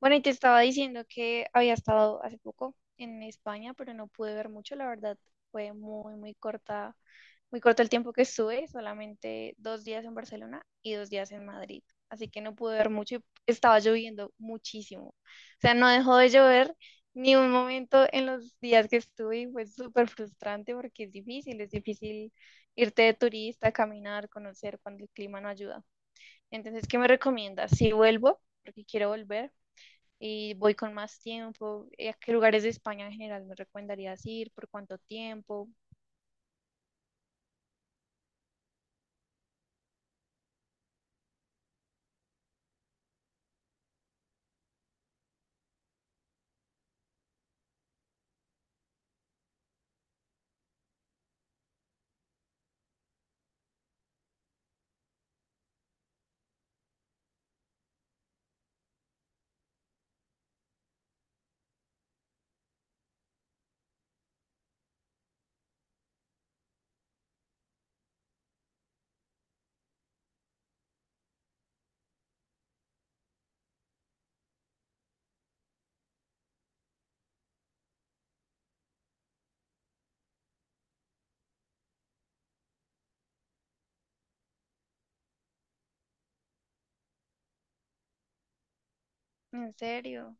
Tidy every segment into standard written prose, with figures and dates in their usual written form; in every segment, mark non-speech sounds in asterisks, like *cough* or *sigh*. Bueno, y te estaba diciendo que había estado hace poco en España, pero no pude ver mucho, la verdad. Fue muy, muy corta, muy corto el tiempo que estuve, solamente 2 días en Barcelona y 2 días en Madrid. Así que no pude ver mucho y estaba lloviendo muchísimo. O sea, no dejó de llover ni un momento en los días que estuve y fue súper frustrante porque es difícil irte de turista, caminar, conocer cuando el clima no ayuda. Entonces, ¿qué me recomiendas? Si vuelvo, porque quiero volver y voy con más tiempo. ¿A qué lugares de España en general me recomendarías ir? ¿Por cuánto tiempo? En serio,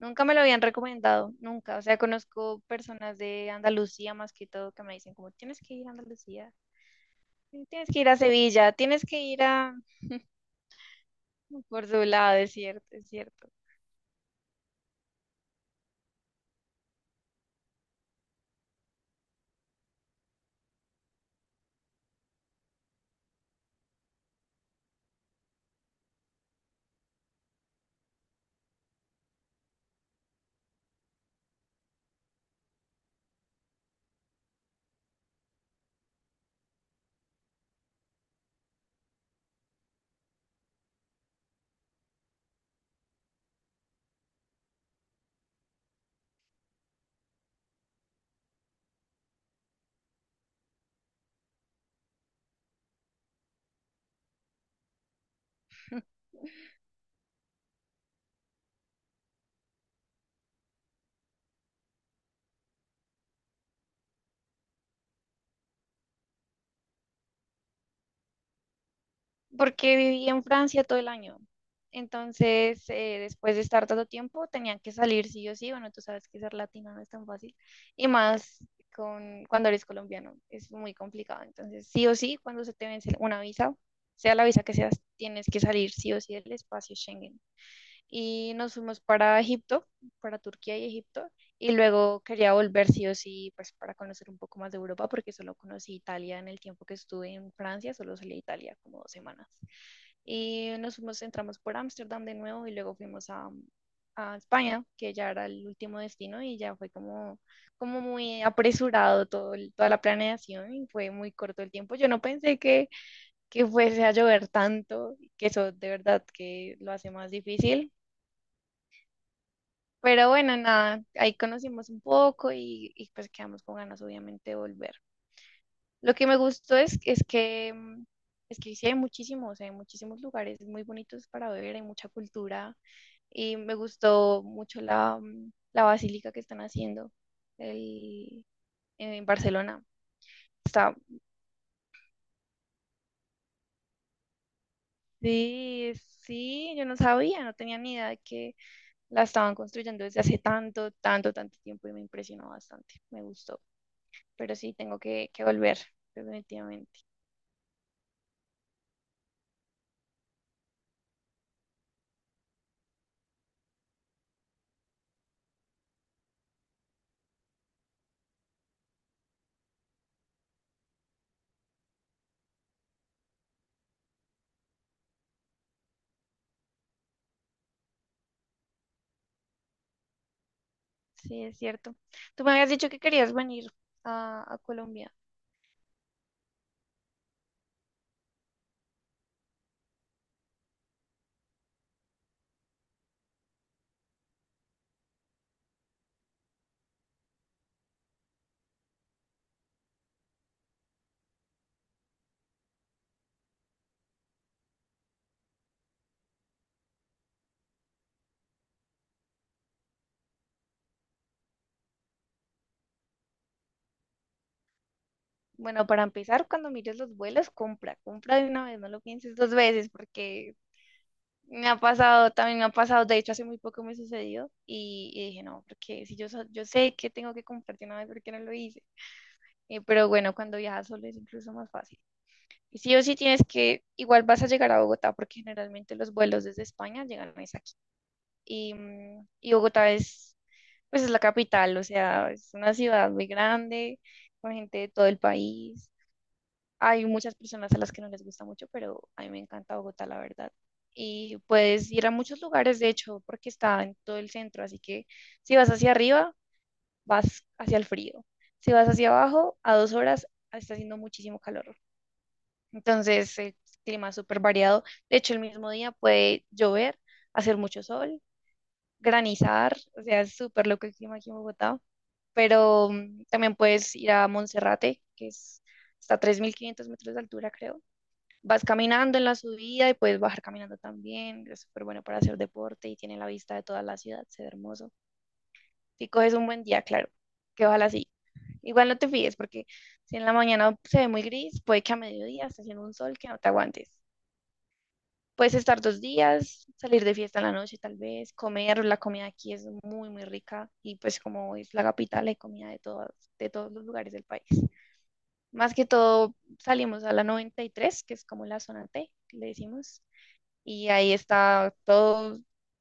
nunca me lo habían recomendado, nunca. O sea, conozco personas de Andalucía más que todo que me dicen como, tienes que ir a Andalucía, tienes que ir a Sevilla, tienes que ir a Córdoba, es cierto, es cierto. Porque viví en Francia todo el año. Entonces, después de estar tanto tiempo, tenían que salir sí o sí. Bueno, tú sabes que ser latino no es tan fácil. Y más cuando eres colombiano, es muy complicado. Entonces, sí o sí, cuando se te vence una visa, sea la visa que seas, tienes que salir sí o sí del espacio Schengen y nos fuimos para Egipto, para Turquía y Egipto, y luego quería volver sí o sí, pues para conocer un poco más de Europa, porque solo conocí Italia en el tiempo que estuve en Francia, solo salí a Italia como 2 semanas. Y nos fuimos, entramos por Ámsterdam de nuevo y luego fuimos a, España, que ya era el último destino y ya fue como, como muy apresurado todo, toda la planeación y fue muy corto el tiempo. Yo no pensé que fuese a llover tanto, que eso de verdad que lo hace más difícil, pero bueno, nada, ahí conocimos un poco pues quedamos con ganas, obviamente, de volver. Lo que me gustó es que sí hay muchísimos lugares muy bonitos para ver, hay mucha cultura y me gustó mucho la basílica que están haciendo el- en Barcelona. Está, sí, sí, yo no sabía, no tenía ni idea de que la estaban construyendo desde hace tanto, tanto, tanto tiempo y me impresionó bastante, me gustó. Pero sí, tengo que volver, definitivamente. Sí, es cierto. Tú me habías dicho que querías venir a Colombia. Bueno, para empezar, cuando mires los vuelos, compra de una vez, no lo pienses dos veces, porque me ha pasado, también me ha pasado, de hecho, hace muy poco me sucedió y dije, no, porque si yo, so- yo sé que tengo que comprar de una vez, ¿por qué no lo hice? Pero bueno, cuando viajas solo es incluso más fácil. Y sí o sí tienes que, igual vas a llegar a Bogotá, porque generalmente los vuelos desde España llegan es aquí. Y Bogotá es, pues es la capital, o sea, es una ciudad muy grande, con gente de todo el país. Hay muchas personas a las que no les gusta mucho, pero a mí me encanta Bogotá, la verdad. Y puedes ir a muchos lugares, de hecho, porque está en todo el centro, así que si vas hacia arriba, vas hacia el frío. Si vas hacia abajo, a 2 horas, está haciendo muchísimo calor. Entonces, el clima es súper variado. De hecho, el mismo día puede llover, hacer mucho sol, granizar, o sea, es súper loco el clima aquí en Bogotá. También puedes ir a Monserrate, está a 3.500 metros de altura, creo. Vas caminando en la subida y puedes bajar caminando también. Es súper bueno para hacer deporte y tiene la vista de toda la ciudad, se ve hermoso. Si coges un buen día, claro, que ojalá sí. Igual no te fíes porque si en la mañana se ve muy gris, puede que a mediodía esté haciendo un sol que no te aguantes. Puedes estar 2 días, salir de fiesta en la noche tal vez, comer, la comida aquí es muy, muy rica y pues como es la capital, hay comida de todos los lugares del país. Más que todo salimos a la 93, que es como la zona T, que le decimos, y ahí está todo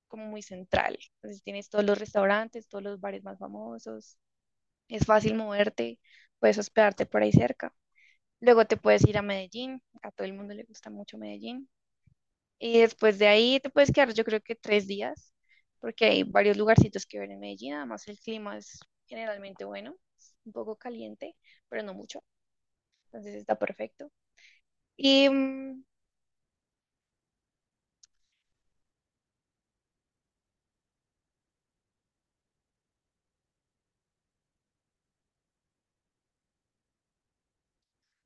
como muy central. Entonces tienes todos los restaurantes, todos los bares más famosos, es fácil moverte, puedes hospedarte por ahí cerca. Luego te puedes ir a Medellín, a todo el mundo le gusta mucho Medellín. Y después de ahí te puedes quedar yo creo que 3 días, porque hay varios lugarcitos que ver en Medellín, además el clima es generalmente bueno, es un poco caliente, pero no mucho, entonces está perfecto. Y mm,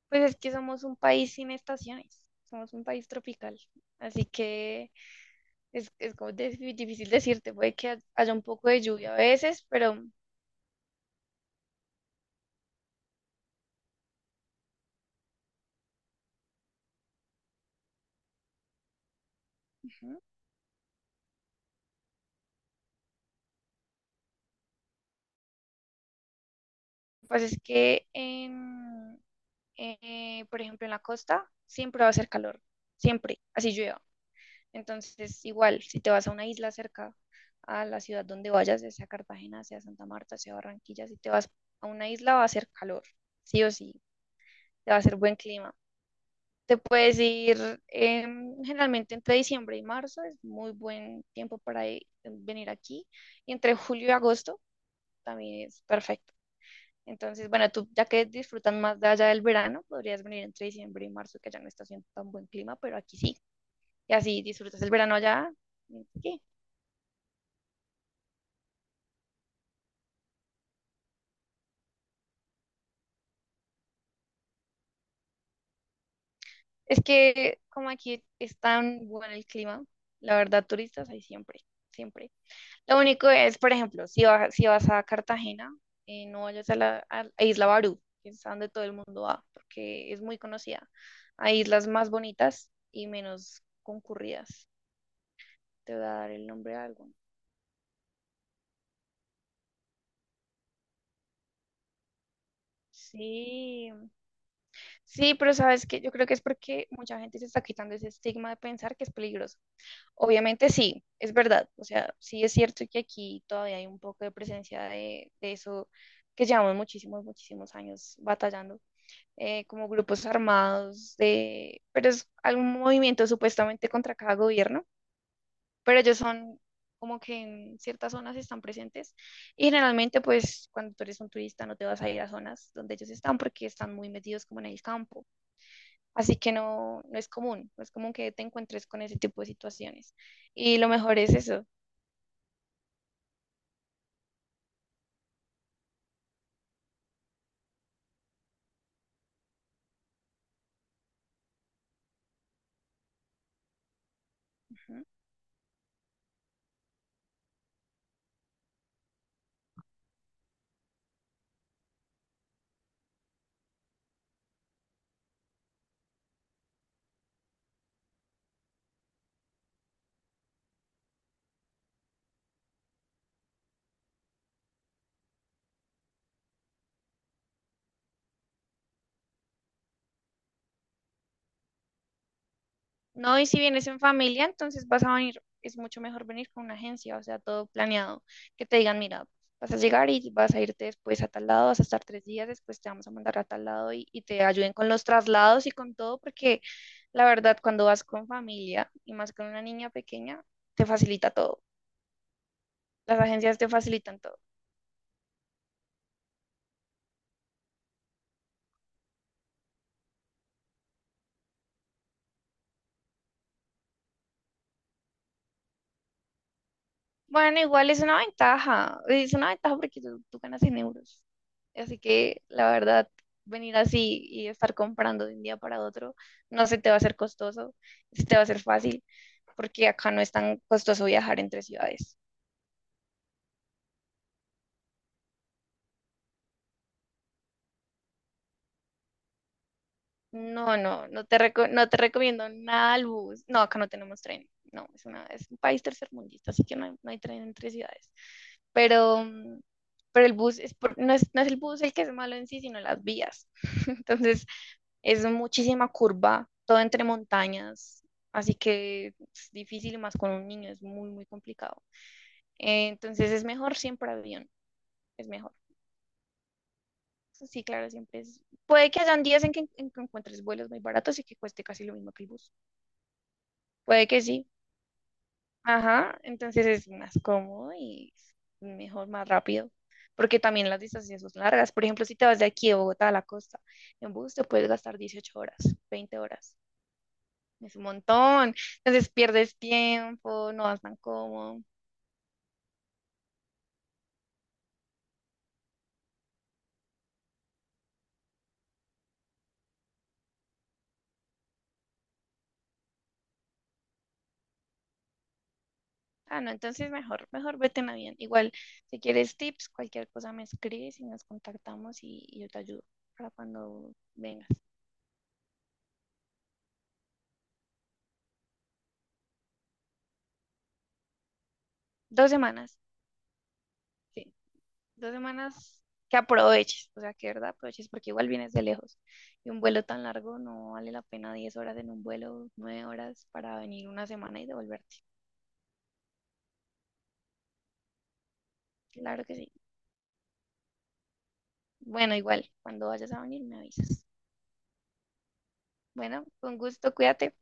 pues es que somos un país sin estaciones, somos un país tropical, así que es como difícil decirte, puede que haya un poco de lluvia a veces, pero ujú, pues es que por ejemplo en la costa siempre va a hacer calor, siempre, así llueva. Entonces igual, si te vas a una isla cerca a la ciudad donde vayas, ya sea Cartagena, sea Santa Marta, sea Barranquilla, si te vas a una isla va a hacer calor, sí o sí, te va a hacer buen clima. Te puedes ir, generalmente entre diciembre y marzo, es muy buen tiempo para venir aquí. Y entre julio y agosto también es perfecto. Entonces, bueno, tú ya que disfrutan más de allá del verano, podrías venir entre diciembre y marzo, que allá no está haciendo tan buen clima, pero aquí sí. Y así disfrutas el verano allá. Y sí. Es que como aquí es tan bueno el clima, la verdad, turistas hay siempre, siempre. Lo único es, por ejemplo, si vas a Cartagena, no vayas a la a Isla Barú, que es a donde todo el mundo va, porque es muy conocida. Hay islas más bonitas y menos concurridas. Te voy a dar el nombre de algo. Sí, sí, pero sabes que yo creo que es porque mucha gente se está quitando ese estigma de pensar que es peligroso. Obviamente sí, es verdad. O sea, sí es cierto que aquí todavía hay un poco de presencia de, eso que llevamos muchísimos, muchísimos años batallando, como grupos armados pero es algún movimiento supuestamente contra cada gobierno, pero ellos son como que en ciertas zonas están presentes y generalmente pues cuando tú eres un turista no te vas a ir a zonas donde ellos están porque están muy metidos como en el campo, así que no, no es común que te encuentres con ese tipo de situaciones y lo mejor es eso. Ujú. No, y si vienes en familia, entonces vas a venir, es mucho mejor venir con una agencia, o sea, todo planeado, que te digan, mira, vas a llegar y vas a irte después a tal lado, vas a estar 3 días, después te vamos a mandar a tal lado y te ayuden con los traslados y con todo, porque la verdad, cuando vas con familia y más con una niña pequeña, te facilita todo. Las agencias te facilitan todo. Bueno, igual es una ventaja porque tú ganas en euros. Así que la verdad, venir así y estar comprando de un día para otro, no se te va a hacer costoso, se te va a hacer fácil, porque acá no es tan costoso viajar entre ciudades. No, no, no te recomiendo nada al bus. No, acá no tenemos tren. No, es un país tercermundista, así que no hay tren entre ciudades. Pero, mm, pero el bus no es, el bus el que es malo en sí, sino las vías. *laughs* Entonces, es muchísima curva, todo entre montañas, así que es difícil y más con un niño, es muy, muy complicado. Entonces es mejor siempre avión, es mejor. Sí, claro, siempre es. Puede que hayan días en que encuentres vuelos muy baratos y que cueste casi lo mismo que el bus. Puede que sí. Ajá. Entonces es más cómodo y mejor, más rápido. Porque también las distancias son largas. Por ejemplo, si te vas de aquí de Bogotá a la costa, en bus te puedes gastar 18 horas, 20 horas. Es un montón. Entonces pierdes tiempo, no vas tan cómodo. Ah, no, entonces mejor, mejor vete en avión. Igual, si quieres tips, cualquier cosa me escribes y nos contactamos y yo te ayudo para cuando vengas. 2 semanas. Sí. 2 semanas que aproveches, o sea, que de verdad aproveches porque igual vienes de lejos. Y un vuelo tan largo no vale la pena 10 horas en un vuelo, 9 horas para venir una semana y devolverte. Claro que sí. Bueno, igual, cuando vayas a venir me avisas. Bueno, con gusto, cuídate.